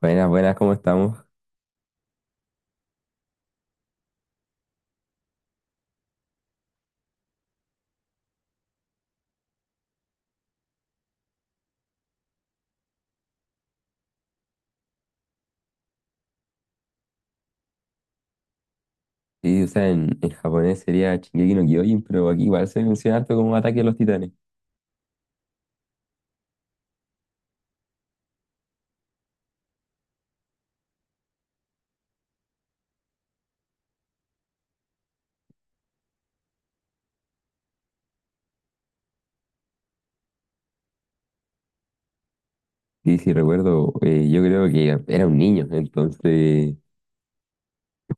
Buenas, buenas, ¿cómo estamos? Sí, o sea, en japonés sería Shingeki no Kyojin, pero aquí igual se menciona harto como Ataque a los Titanes. Y si recuerdo, yo creo que era un niño, entonces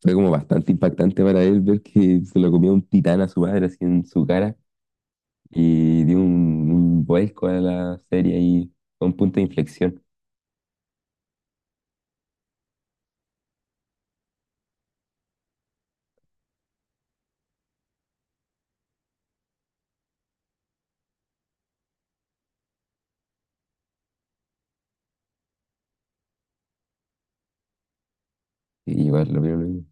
fue como bastante impactante para él ver que se lo comió un titán a su madre así en su cara y dio un vuelco a la serie y fue un punto de inflexión. Y igual, lo primero,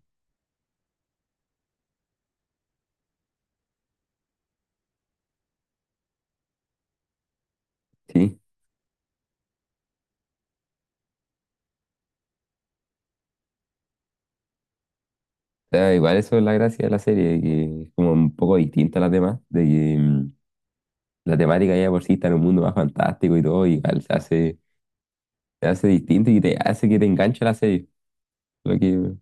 sí. O sea, igual eso es la gracia de la serie, que es como un poco distinta a las demás, de que la temática ya de por sí está en un mundo más fantástico y todo, y igual se hace distinto y te hace que te enganche la serie. Lo que...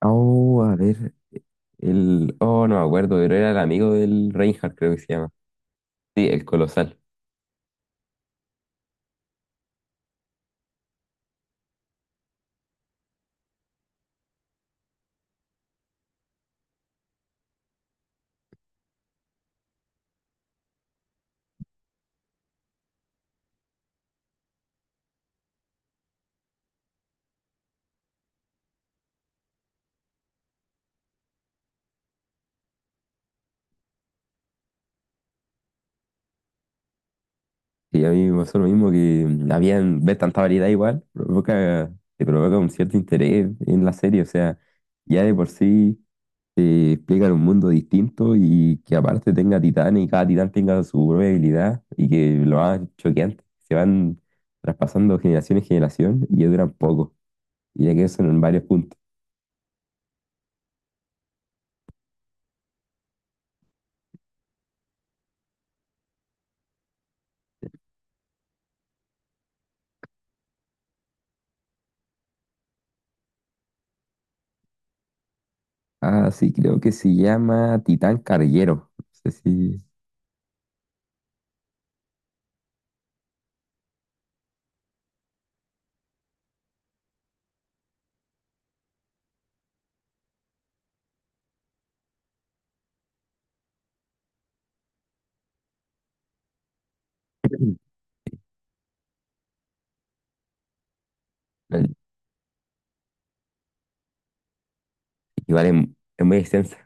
Oh, a ver, Oh, no me acuerdo, pero era el amigo del Reinhardt, creo que se llama. Sí, el Colosal. Y a mí me pasó lo mismo que habían ver tanta variedad igual, te provoca un cierto interés en la serie, o sea, ya de por sí te explican un mundo distinto y que aparte tenga titanes y cada titán tenga su propia habilidad y que lo más choqueante, se van traspasando generación en generación y ya duran poco, y ya que son en varios puntos. Ah, sí, creo que se llama Titán Carguero. No sé si... el- Igual es muy extensa.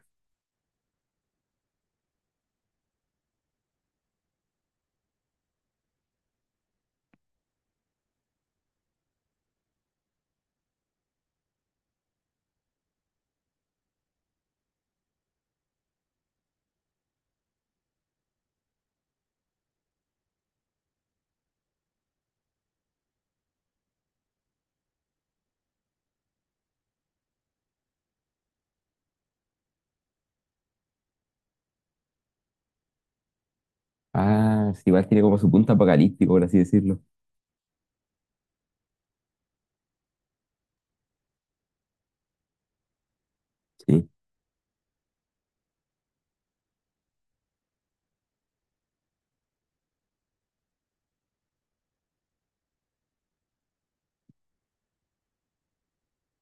Ah, sí, igual tiene como su punto apocalíptico, por así decirlo. Sí,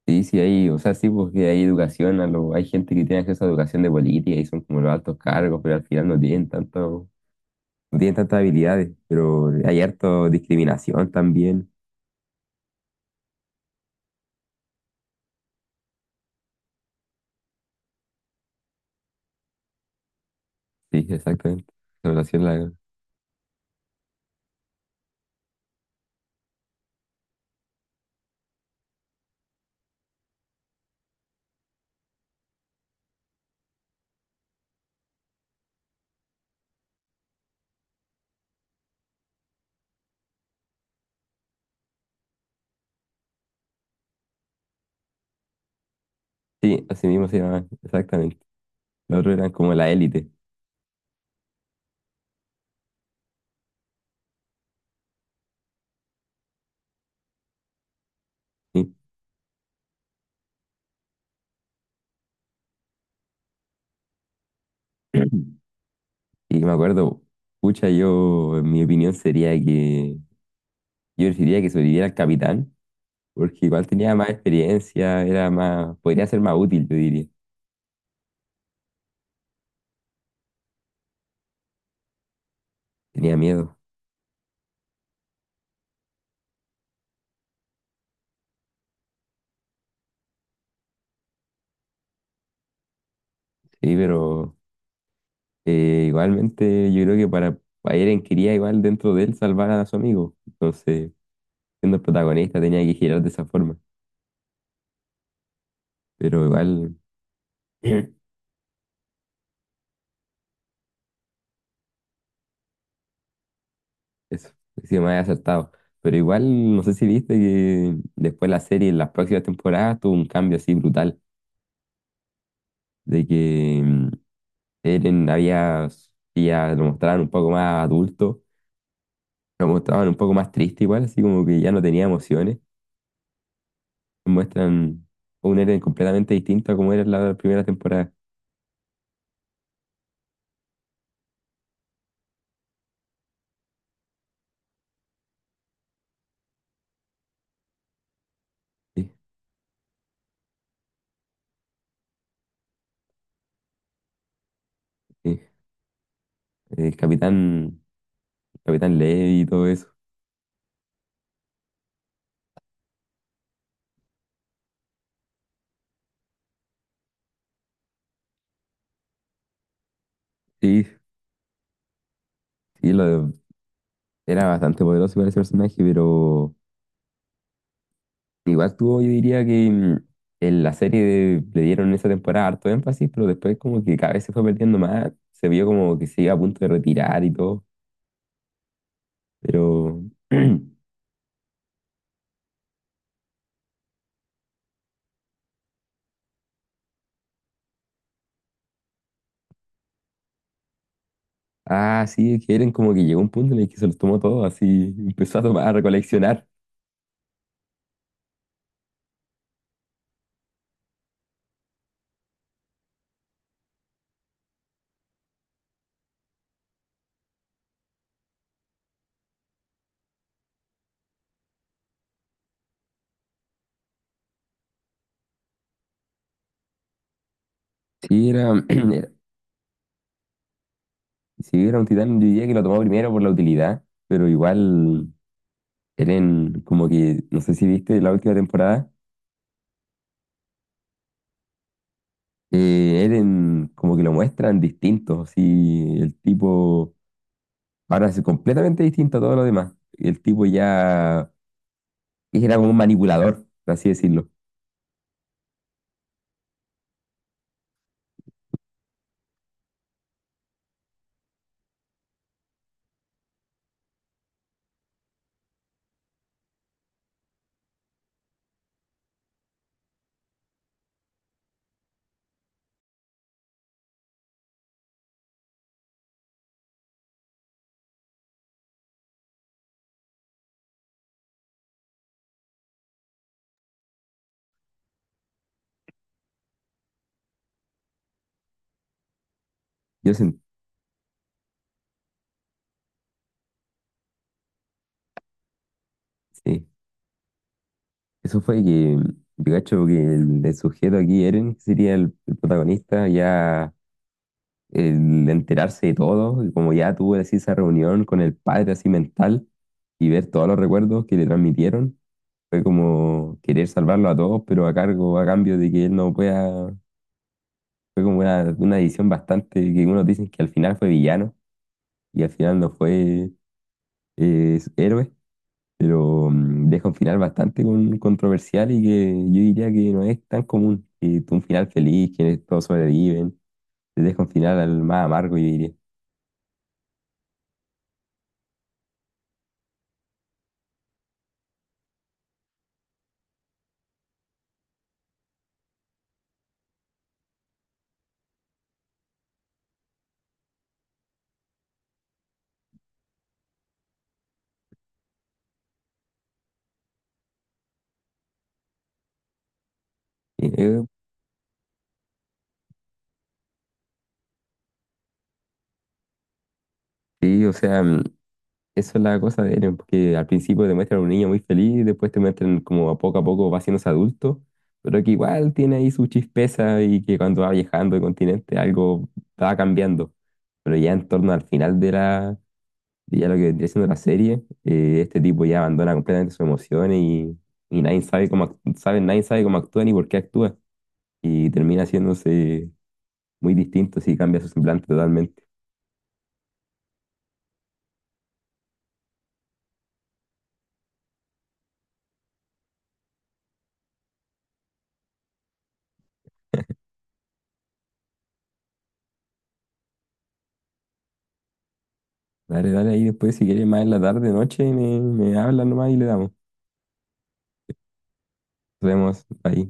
sí, sí, hay, o sea, sí, porque hay educación, hay gente que tiene acceso a educación de política y son como los altos cargos, pero al final no tienen tanto no tienen tantas habilidades, pero hay harto discriminación también. Sí, exactamente. Población la... Sí, así mismo se llamaban, exactamente. Los otros eran como la élite, ¿sí? Y me acuerdo, pucha, yo, en mi opinión sería que yo preferiría que sobreviviera el capitán, porque igual tenía más experiencia, era más, podría ser más útil, yo diría. Tenía miedo, sí, pero igualmente yo creo que para Eren quería igual dentro de él salvar a su amigo. Entonces, siendo el protagonista tenía que girar de esa forma. Pero igual, eso, sí me había acertado. Pero igual, no sé si viste que después la serie, en las próximas temporadas, tuvo un cambio así brutal, de que mm, Eren había, sí, ya lo mostraban un poco más adulto, lo mostraban un poco más triste igual, así como que ya no tenía emociones. Muestran un Eren completamente distinto a como era en la primera temporada. Sí, sí, El capitán, capitán Levi y todo eso. Sí, sí, lo, era bastante poderoso igual ese personaje, pero... Igual tuvo, yo diría que mm, en la le dieron esa temporada harto énfasis, pero después como que cada vez se fue perdiendo más, se vio como que se iba a punto de retirar y todo, pero... Ah, sí, es que Eren como que llegó a un punto en el que se los tomó todo, así empezó a tomar, a recoleccionar. Si era, era- si era un titán, yo diría que lo tomó primero por la utilidad, pero igual Eren como que, no sé si viste la última temporada, Eren como que lo muestran distinto, así el tipo Ahora es completamente distinto a todo lo demás. El tipo ya era como un manipulador, por así decirlo. Yo sen- sí, eso fue que yo cacho que el sujeto aquí, Eren, que sería el protagonista, ya el enterarse de todo, y como ya tuvo así esa reunión con el padre así mental y ver todos los recuerdos que le transmitieron, fue como querer salvarlo a todos, pero a cargo, a cambio de que él no pueda, fue como una decisión bastante que unos dicen que al final fue villano y al final no fue es héroe, pero deja un final bastante controversial y que yo diría que no es tan común. Un final feliz, que todos sobreviven, te deja un final al más amargo, yo diría. Eh, eh, sí, o sea, eso es la cosa de héroe, porque al principio te muestran a un niño muy feliz, después te muestran como a poco va haciéndose adulto, pero que igual tiene ahí su chispeza y que cuando va viajando de continente algo va cambiando. Pero ya en torno al final de la Y ya lo que vendría siendo la serie, este tipo ya abandona completamente sus emociones y nadie sabe nadie sabe cómo actúa ni por qué actúa. Y termina haciéndose muy distinto si cambia su semblante totalmente. Dale, dale ahí después, si quieres más en la tarde, noche, me hablas nomás y le damos. Nos vemos ahí.